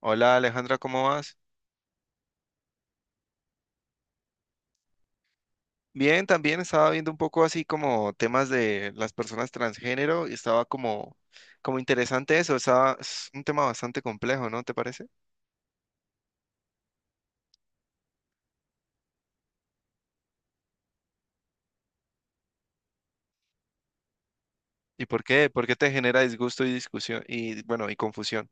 Hola Alejandra, ¿cómo vas? Bien, también estaba viendo un poco así como temas de las personas transgénero y estaba como interesante eso, estaba, es un tema bastante complejo, ¿no te parece? ¿Y por qué? ¿Por qué te genera disgusto y discusión y bueno, y confusión?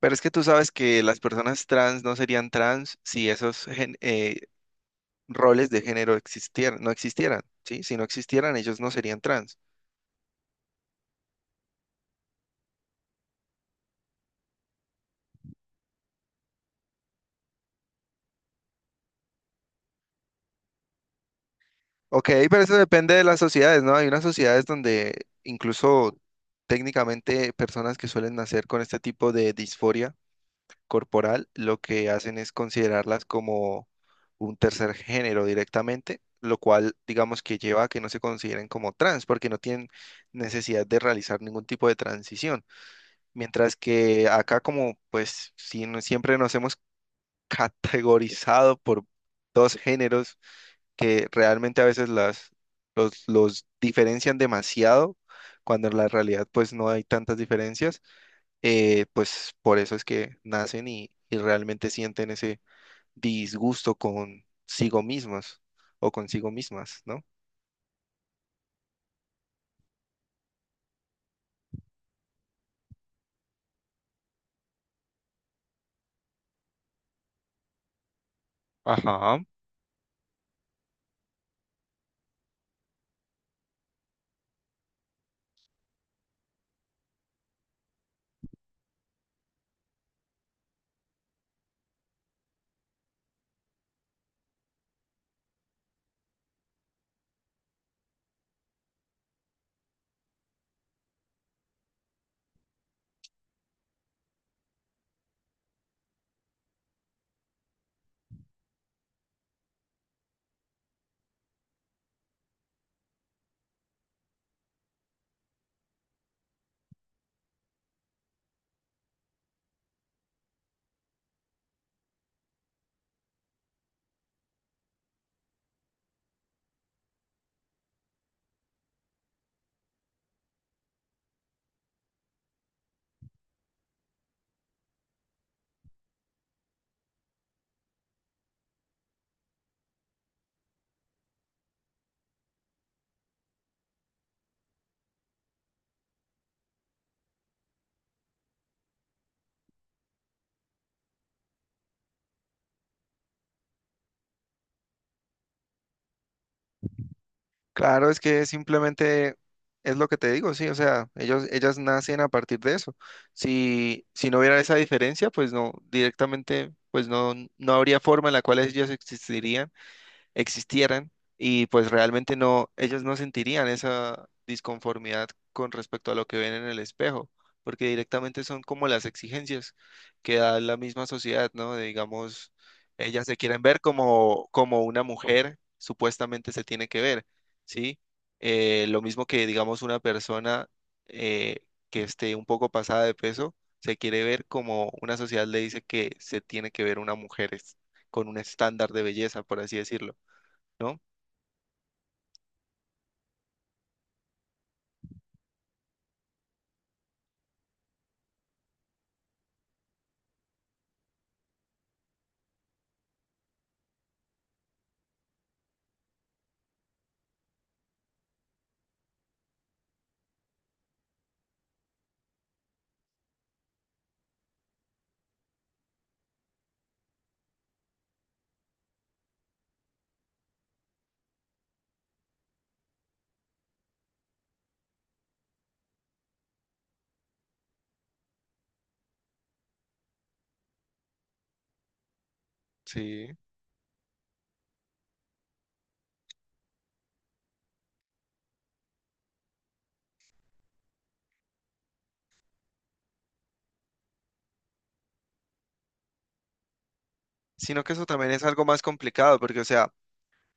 Pero es que tú sabes que las personas trans no serían trans si esos roles de género existieran, no existieran, ¿sí? Si no existieran, ellos no serían trans. Ok, pero eso depende de las sociedades, ¿no? Hay unas sociedades donde incluso técnicamente personas que suelen nacer con este tipo de disforia corporal, lo que hacen es considerarlas como un tercer género directamente, lo cual digamos que lleva a que no se consideren como trans, porque no tienen necesidad de realizar ningún tipo de transición. Mientras que acá como pues si, siempre nos hemos categorizado por dos géneros que realmente a veces los diferencian demasiado, cuando en la realidad pues no hay tantas diferencias, pues por eso es que nacen y realmente sienten ese disgusto consigo mismos o consigo mismas, ¿no? Ajá. Claro, es que simplemente es lo que te digo, sí, o sea, ellos, ellas nacen a partir de eso. Si no hubiera esa diferencia, pues no, directamente, pues no habría forma en la cual ellas existirían existieran y pues realmente no, ellos no sentirían esa disconformidad con respecto a lo que ven en el espejo, porque directamente son como las exigencias que da la misma sociedad, ¿no? De, digamos, ellas se quieren ver como una mujer supuestamente se tiene que ver, ¿sí? Lo mismo que, digamos, una persona eh, que esté un poco pasada de peso, se quiere ver como una sociedad le dice que se tiene que ver una mujer con un estándar de belleza, por así decirlo. ¿No? Sí. Sino que eso también es algo más complicado, porque, o sea,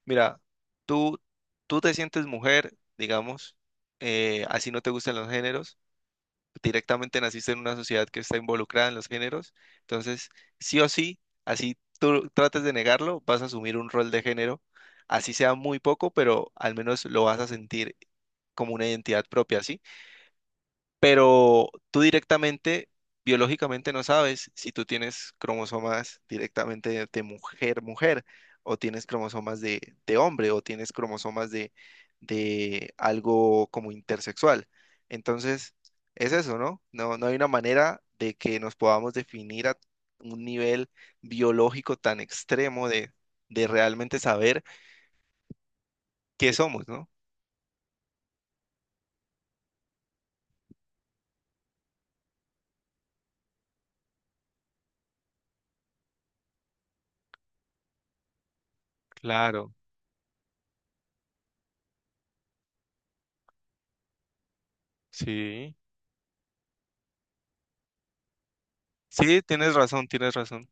mira, tú, tú te sientes mujer, digamos, así no te gustan los géneros, directamente naciste en una sociedad que está involucrada en los géneros, entonces, sí o sí, así tú trates de negarlo, vas a asumir un rol de género, así sea muy poco, pero al menos lo vas a sentir como una identidad propia, ¿sí? Pero tú directamente, biológicamente no sabes si tú tienes cromosomas directamente de mujer, mujer, o tienes cromosomas de hombre, o tienes cromosomas de algo como intersexual. Entonces, es eso, ¿no? No hay una manera de que nos podamos definir a un nivel biológico tan extremo de realmente saber qué somos, ¿no? Claro, sí. Sí, tienes razón, tienes razón.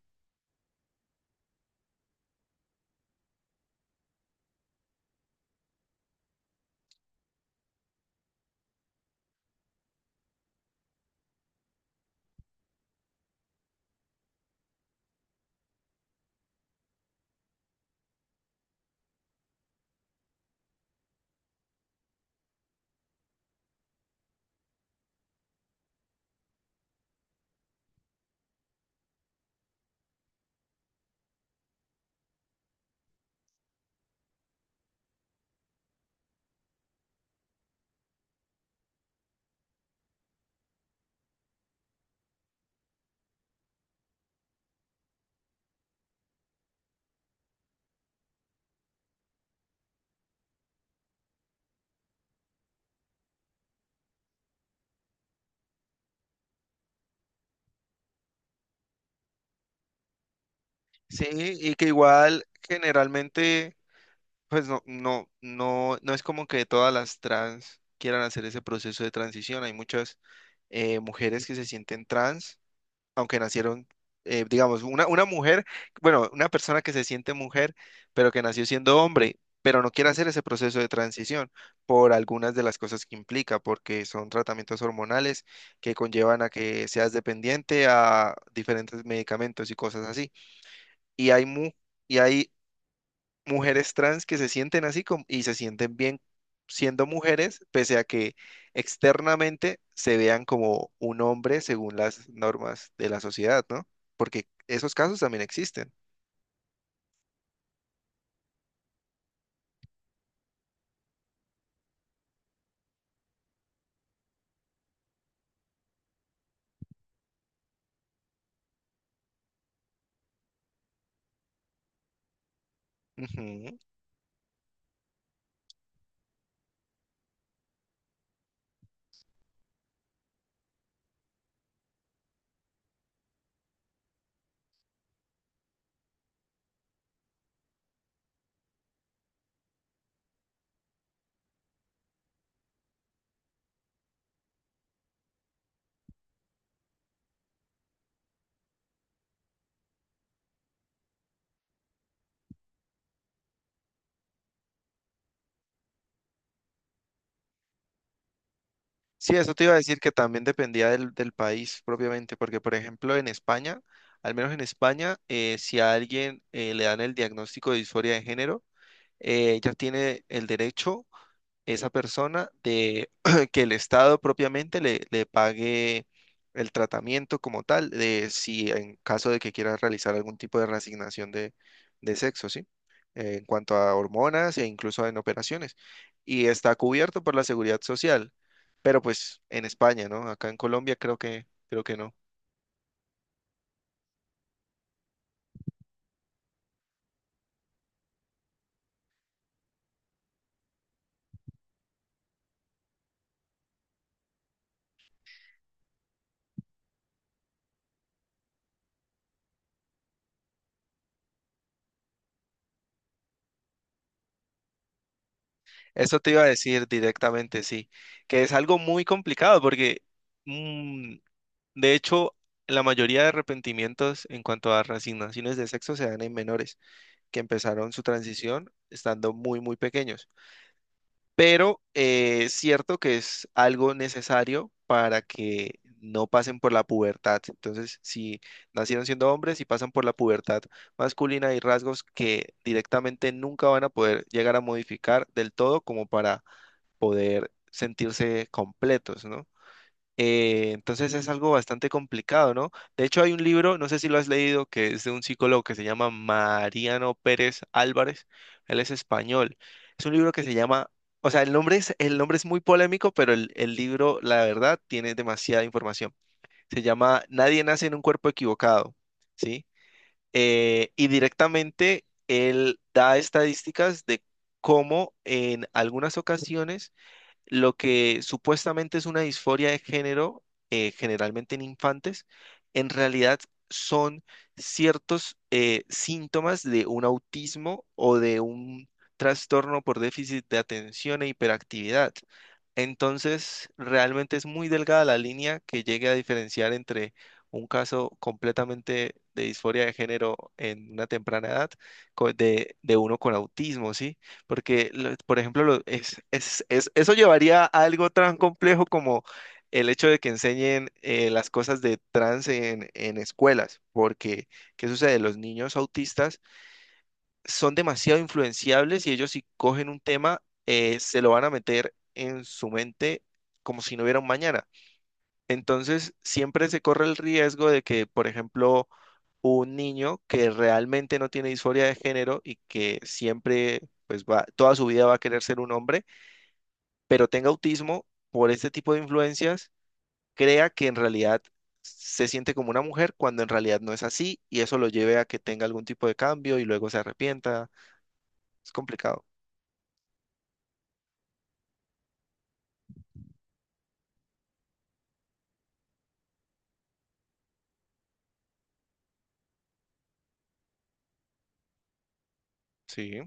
Sí, y que igual generalmente, pues no es como que todas las trans quieran hacer ese proceso de transición. Hay muchas mujeres que se sienten trans, aunque nacieron, digamos, una mujer, bueno, una persona que se siente mujer, pero que nació siendo hombre, pero no quiere hacer ese proceso de transición por algunas de las cosas que implica, porque son tratamientos hormonales que conllevan a que seas dependiente a diferentes medicamentos y cosas así y hay, mu y hay mujeres trans que se sienten así como, y se sienten bien siendo mujeres, pese a que externamente se vean como un hombre según las normas de la sociedad, ¿no? Porque esos casos también existen. Ujú. Sí, eso te iba a decir que también dependía del país propiamente, porque por ejemplo en España, al menos en España, si a alguien le dan el diagnóstico de disforia de género, ella tiene el derecho esa persona de que el Estado propiamente le pague el tratamiento como tal, de si en caso de que quiera realizar algún tipo de reasignación de sexo, ¿sí? En cuanto a hormonas e incluso en operaciones. Y está cubierto por la seguridad social, pero pues en España, ¿no? Acá en Colombia creo que no. Eso te iba a decir directamente, sí, que es algo muy complicado porque... mm, de hecho, la mayoría de arrepentimientos en cuanto a resignaciones de sexo se dan en menores que empezaron su transición estando muy pequeños. Pero es cierto que es algo necesario para que no pasen por la pubertad. Entonces, si nacieron siendo hombres y pasan por la pubertad masculina, hay rasgos que directamente nunca van a poder llegar a modificar del todo como para poder sentirse completos, ¿no? Entonces es algo bastante complicado, ¿no? De hecho, hay un libro, no sé si lo has leído, que es de un psicólogo que se llama Mariano Pérez Álvarez. Él es español. Es un libro que se llama, o sea, el nombre es muy polémico, pero el libro, la verdad, tiene demasiada información. Se llama Nadie nace en un cuerpo equivocado, ¿sí? Y directamente él da estadísticas de cómo en algunas ocasiones lo que supuestamente es una disforia de género, generalmente en infantes, en realidad son ciertos síntomas de un autismo o de un trastorno por déficit de atención e hiperactividad. Entonces, realmente es muy delgada la línea que llegue a diferenciar entre un caso completamente de disforia de género en una temprana edad de uno con autismo, ¿sí? Porque, por ejemplo, eso llevaría a algo tan complejo como el hecho de que enseñen las cosas de trans en escuelas. Porque, ¿qué sucede? Los niños autistas son demasiado influenciables y ellos si cogen un tema, se lo van a meter en su mente como si no hubiera un mañana. Entonces, siempre se corre el riesgo de que, por ejemplo, un niño que realmente no tiene disforia de género y que siempre, pues va, toda su vida va a querer ser un hombre, pero tenga autismo por este tipo de influencias, crea que en realidad se siente como una mujer cuando en realidad no es así y eso lo lleve a que tenga algún tipo de cambio y luego se arrepienta. Es complicado. Sí.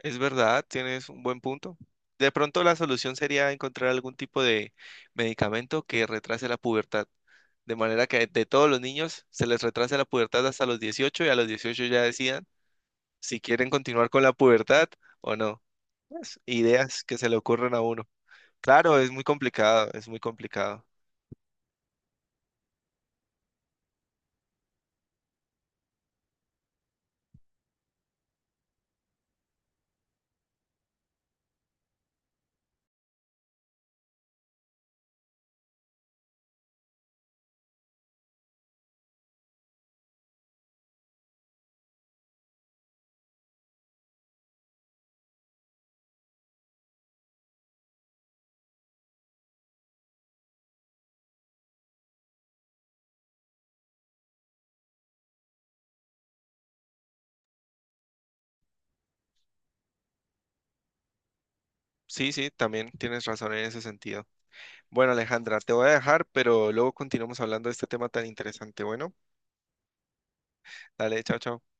Es verdad, tienes un buen punto. De pronto la solución sería encontrar algún tipo de medicamento que retrase la pubertad, de manera que de todos los niños se les retrase la pubertad hasta los 18 y a los 18 ya decidan si quieren continuar con la pubertad o no. Pues, ideas que se le ocurren a uno. Claro, es muy complicado, es muy complicado. Sí, sí, también tienes razón en ese sentido. Bueno, Alejandra, te voy a dejar, pero luego continuamos hablando de este tema tan interesante. Bueno, dale, chao, chao.